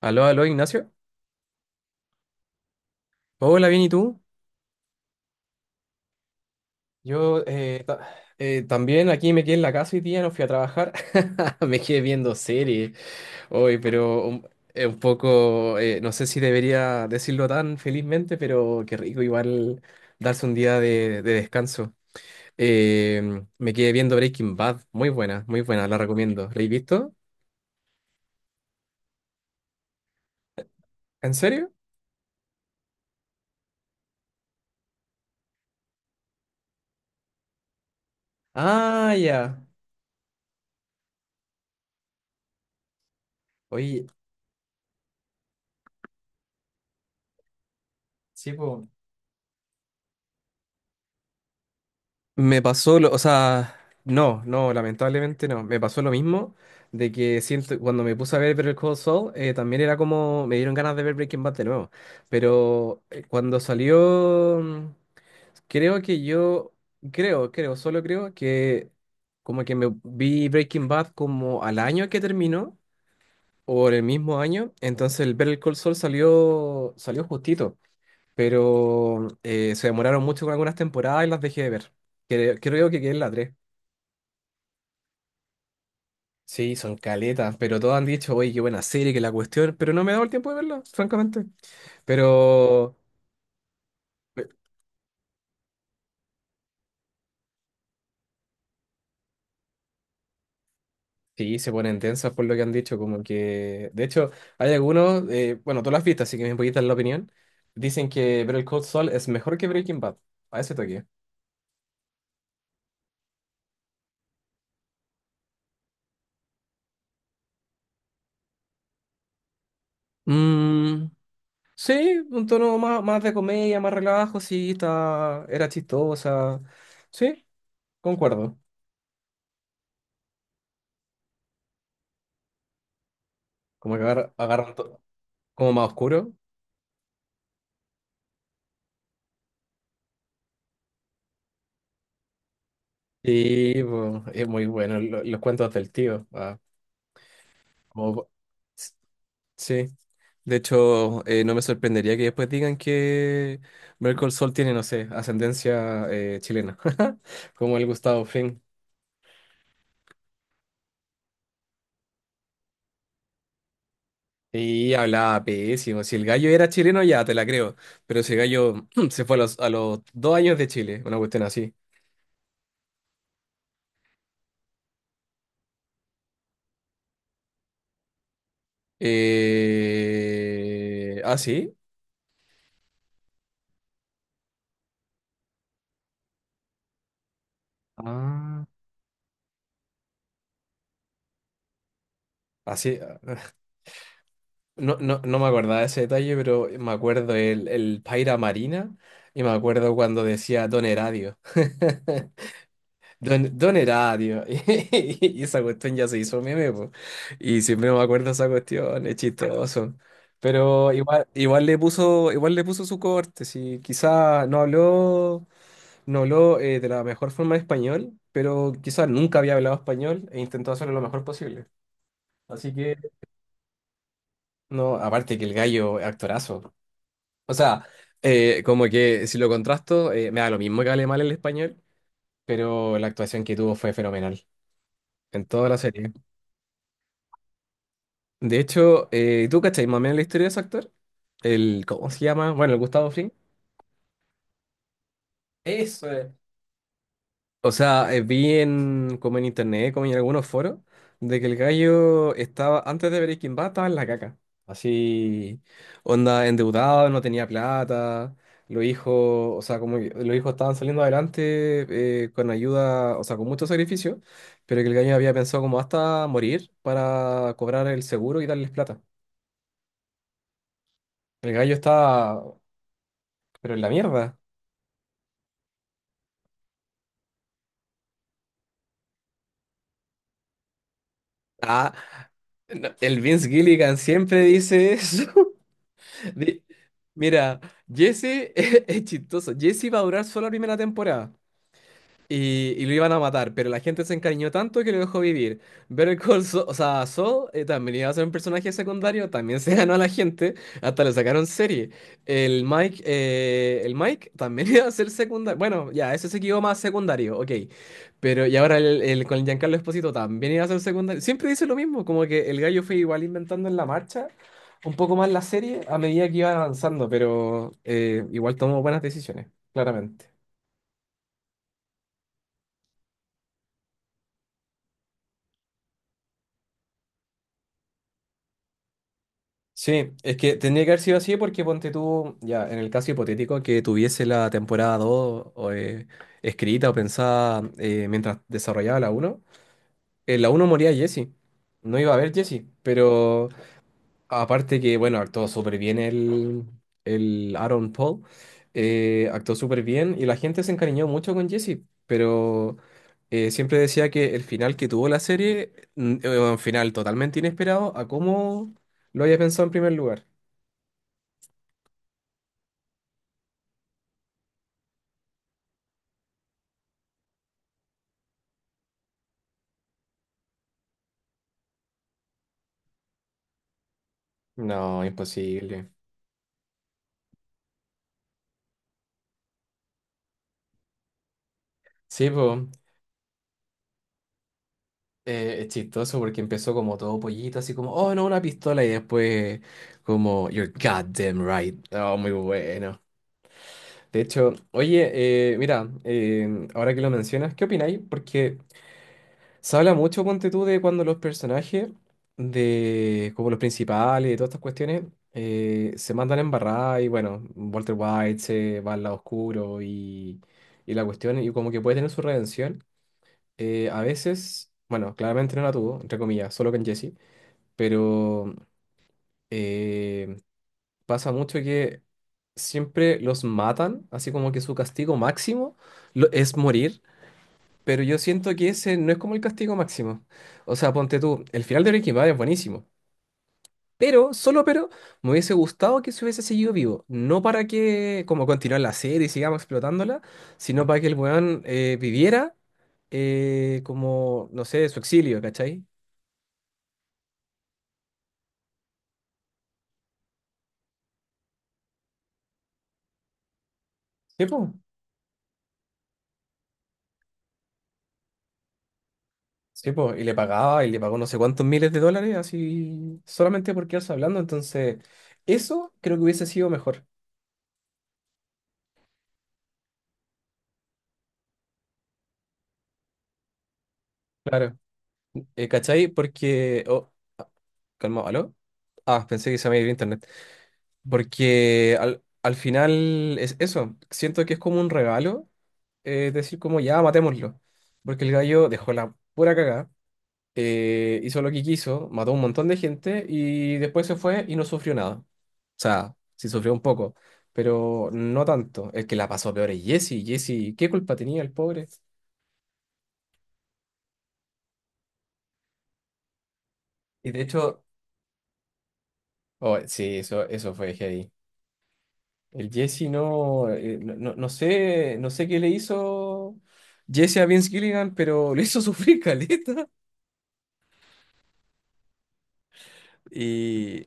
Aló, aló, Ignacio. Hola, bien, ¿y tú? Yo también aquí me quedé en la casa y día, no fui a trabajar. Me quedé viendo series hoy, pero un poco, no sé si debería decirlo tan felizmente, pero qué rico igual darse un día de descanso. Eh, Me quedé viendo Breaking Bad, muy buena, la recomiendo. ¿La habéis visto? ¿En serio? Ah, ya. Oye, sí, pues. Me pasó lo, o sea, No, no, lamentablemente no. Me pasó lo mismo de que siento, cuando me puse a ver Better Call Saul, también era como, me dieron ganas de ver Breaking Bad de nuevo. Pero cuando salió, mm, creo que yo, creo, creo, solo creo que como que me vi Breaking Bad como al año que terminó, o en el mismo año, entonces el Better Call Saul salió, salió justito, pero se demoraron mucho con algunas temporadas y las dejé de ver. Creo que quedé en la 3. Sí, son caletas, pero todos han dicho, oye, qué buena serie, que la cuestión, pero no me he dado el tiempo de verla, francamente. Pero eh, sí, se ponen tensas por lo que han dicho, como que, de hecho, hay algunos, bueno, todas las has así que me puedes dar la opinión, dicen que Better Call Saul es mejor que Breaking Bad, a ese toque. Mm, sí, un tono más, más de comedia, más relajo, sí, está, era chistosa, sí, concuerdo, como que agarran, todo, como más oscuro. Sí, po, es muy bueno los cuentos del tío. Ah, como- s- sí. De hecho, no me sorprendería que después digan que Merkel Sol tiene, no sé, ascendencia chilena, como el Gustavo Fring. Y hablaba pésimo. Si el gallo era chileno, ya te la creo. Pero si el gallo se fue a a los dos años de Chile, una cuestión así. ¿Ah, sí? Ah. Así. No, no, no me acordaba de ese detalle, pero me acuerdo el Paira Marina y me acuerdo cuando decía Don Eradio. Don Eradio. Y esa cuestión ya se hizo meme, po. Y siempre me acuerdo de esa cuestión, es chistoso. Pero igual, igual le puso su corte, sí. Quizá no habló, no habló de la mejor forma en español, pero quizá nunca había hablado español e intentó hacerlo lo mejor posible. Así que, no, aparte que el gallo, actorazo. O sea, como que si lo contrasto, me da lo mismo que hable mal el español, pero la actuación que tuvo fue fenomenal en toda la serie. De hecho, ¿tú cachai más o menos la historia de ese actor? El, ¿cómo se llama? Bueno, el Gustavo Fring. Eso es. O sea, vi en, como en internet, como en algunos foros, de que el gallo estaba, antes de Breaking Bad, estaba en la caca. Así, onda, endeudado, no tenía plata, los hijos, o sea, como que los hijos estaban saliendo adelante con ayuda, o sea, con mucho sacrificio, pero que el gallo había pensado como hasta morir para cobrar el seguro y darles plata. El gallo estaba, pero en la mierda. Ah, no, el Vince Gilligan siempre dice eso. Di- Mira, Jesse es chistoso. Jesse va a durar solo la primera temporada. Y lo iban a matar, pero la gente se encariñó tanto que lo dejó vivir. Better Call Saul, o sea, Saul también iba a ser un personaje secundario, también se ganó a la gente, hasta le sacaron serie. El Mike también iba a ser secundario. Bueno, ya, ese se quedó más secundario, ok. Pero y ahora con el Giancarlo Esposito también iba a ser secundario. Siempre dice lo mismo, como que el gallo fue igual inventando en la marcha un poco más la serie a medida que iba avanzando, pero igual tomó buenas decisiones, claramente. Sí, es que tendría que haber sido así porque ponte tú, ya, en el caso hipotético que tuviese la temporada 2 o escrita o pensada mientras desarrollaba la uno, en la uno moría Jesse. No iba a haber Jesse, pero aparte que, bueno, actuó súper bien el Aaron Paul, actuó súper bien y la gente se encariñó mucho con Jesse, pero siempre decía que el final que tuvo la serie, era un final totalmente inesperado a cómo lo había pensado en primer lugar. No, imposible. Sí, pues, es chistoso porque empezó como todo pollito, así como, oh, no, una pistola, y después como, you're goddamn right. Oh, muy bueno. De hecho, oye, mira, ahora que lo mencionas, ¿qué opináis? Porque se habla mucho, ponte tú, de cuando los personajes, de como los principales, de todas estas cuestiones, se mandan embarrar y bueno, Walter White se va al lado oscuro y la cuestión, y como que puede tener su redención. A veces, bueno, claramente no la tuvo, entre comillas, solo con Jesse, pero eh, pasa mucho que siempre los matan, así como que su castigo máximo es morir, pero yo siento que ese no es como el castigo máximo. O sea, ponte tú, el final de Breaking Bad es buenísimo. Pero, solo pero, me hubiese gustado que se hubiese seguido vivo. No para que, como continuar la serie y sigamos explotándola, sino para que el weón viviera como, no sé, su exilio, ¿cachai? Sí, pues. Sí, po, y le pagaba, y le pagó no sé cuántos miles de dólares, así, solamente por quedarse hablando. Entonces, eso creo que hubiese sido mejor. Claro. ¿Cachai? Porque. Oh, ah, calma, ¿aló? Ah, pensé que se me había ido internet. Porque al final es eso. Siento que es como un regalo decir como ya, matémoslo. Porque el gallo dejó la pura cagada. Hizo lo que quiso, mató a un montón de gente y después se fue y no sufrió nada. O sea, sí sufrió un poco, pero no tanto. El que la pasó peor es Jesse. Jesse, ¿qué culpa tenía el pobre? Y de hecho, oh, sí, eso fue heavy. El Jesse no, no sé, no sé qué le hizo Jesse a Vince Gilligan, pero le hizo sufrir caleta. Y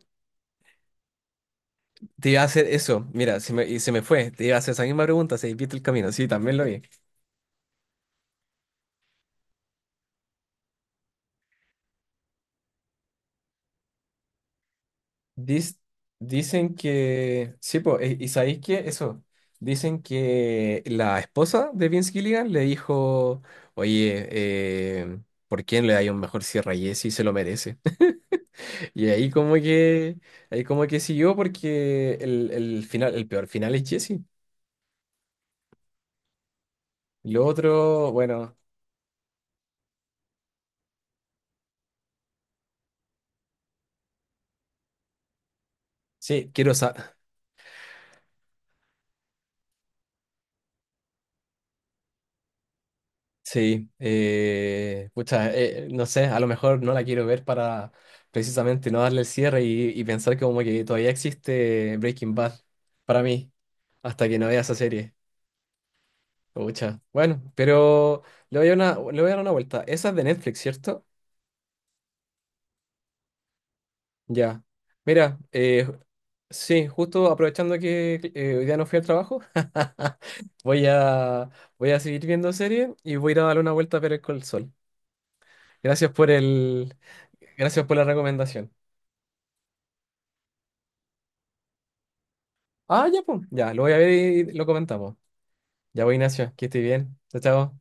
te iba a hacer eso, mira, se me, y se me fue, te iba a hacer esa misma pregunta, se viste el camino, sí, también lo vi. Dis- Dicen que. Sí, po, y sabéis que eso. Dicen que la esposa de Vince Gilligan le dijo: Oye, ¿por qué no le dais un mejor cierre a Jesse? Se lo merece. Y ahí como que. Ahí como que siguió porque el final, el peor final es Jesse. Lo otro, bueno. Sí, quiero saber. Sí, pucha, no sé, a lo mejor no la quiero ver para precisamente no darle el cierre y pensar como que todavía existe Breaking Bad para mí, hasta que no vea esa serie. Pucha, bueno, pero le voy a dar una vuelta. Esa es de Netflix, ¿cierto? Ya. Mira, sí, justo aprovechando que hoy día no fui al trabajo, voy a, voy a seguir viendo serie y voy a ir a darle una vuelta a ver el sol. Gracias por el, Gracias por la recomendación. Ah, ya, pues. Ya, lo voy a ver y lo comentamos. Ya voy, Ignacio. Que esté bien. Chao, chao.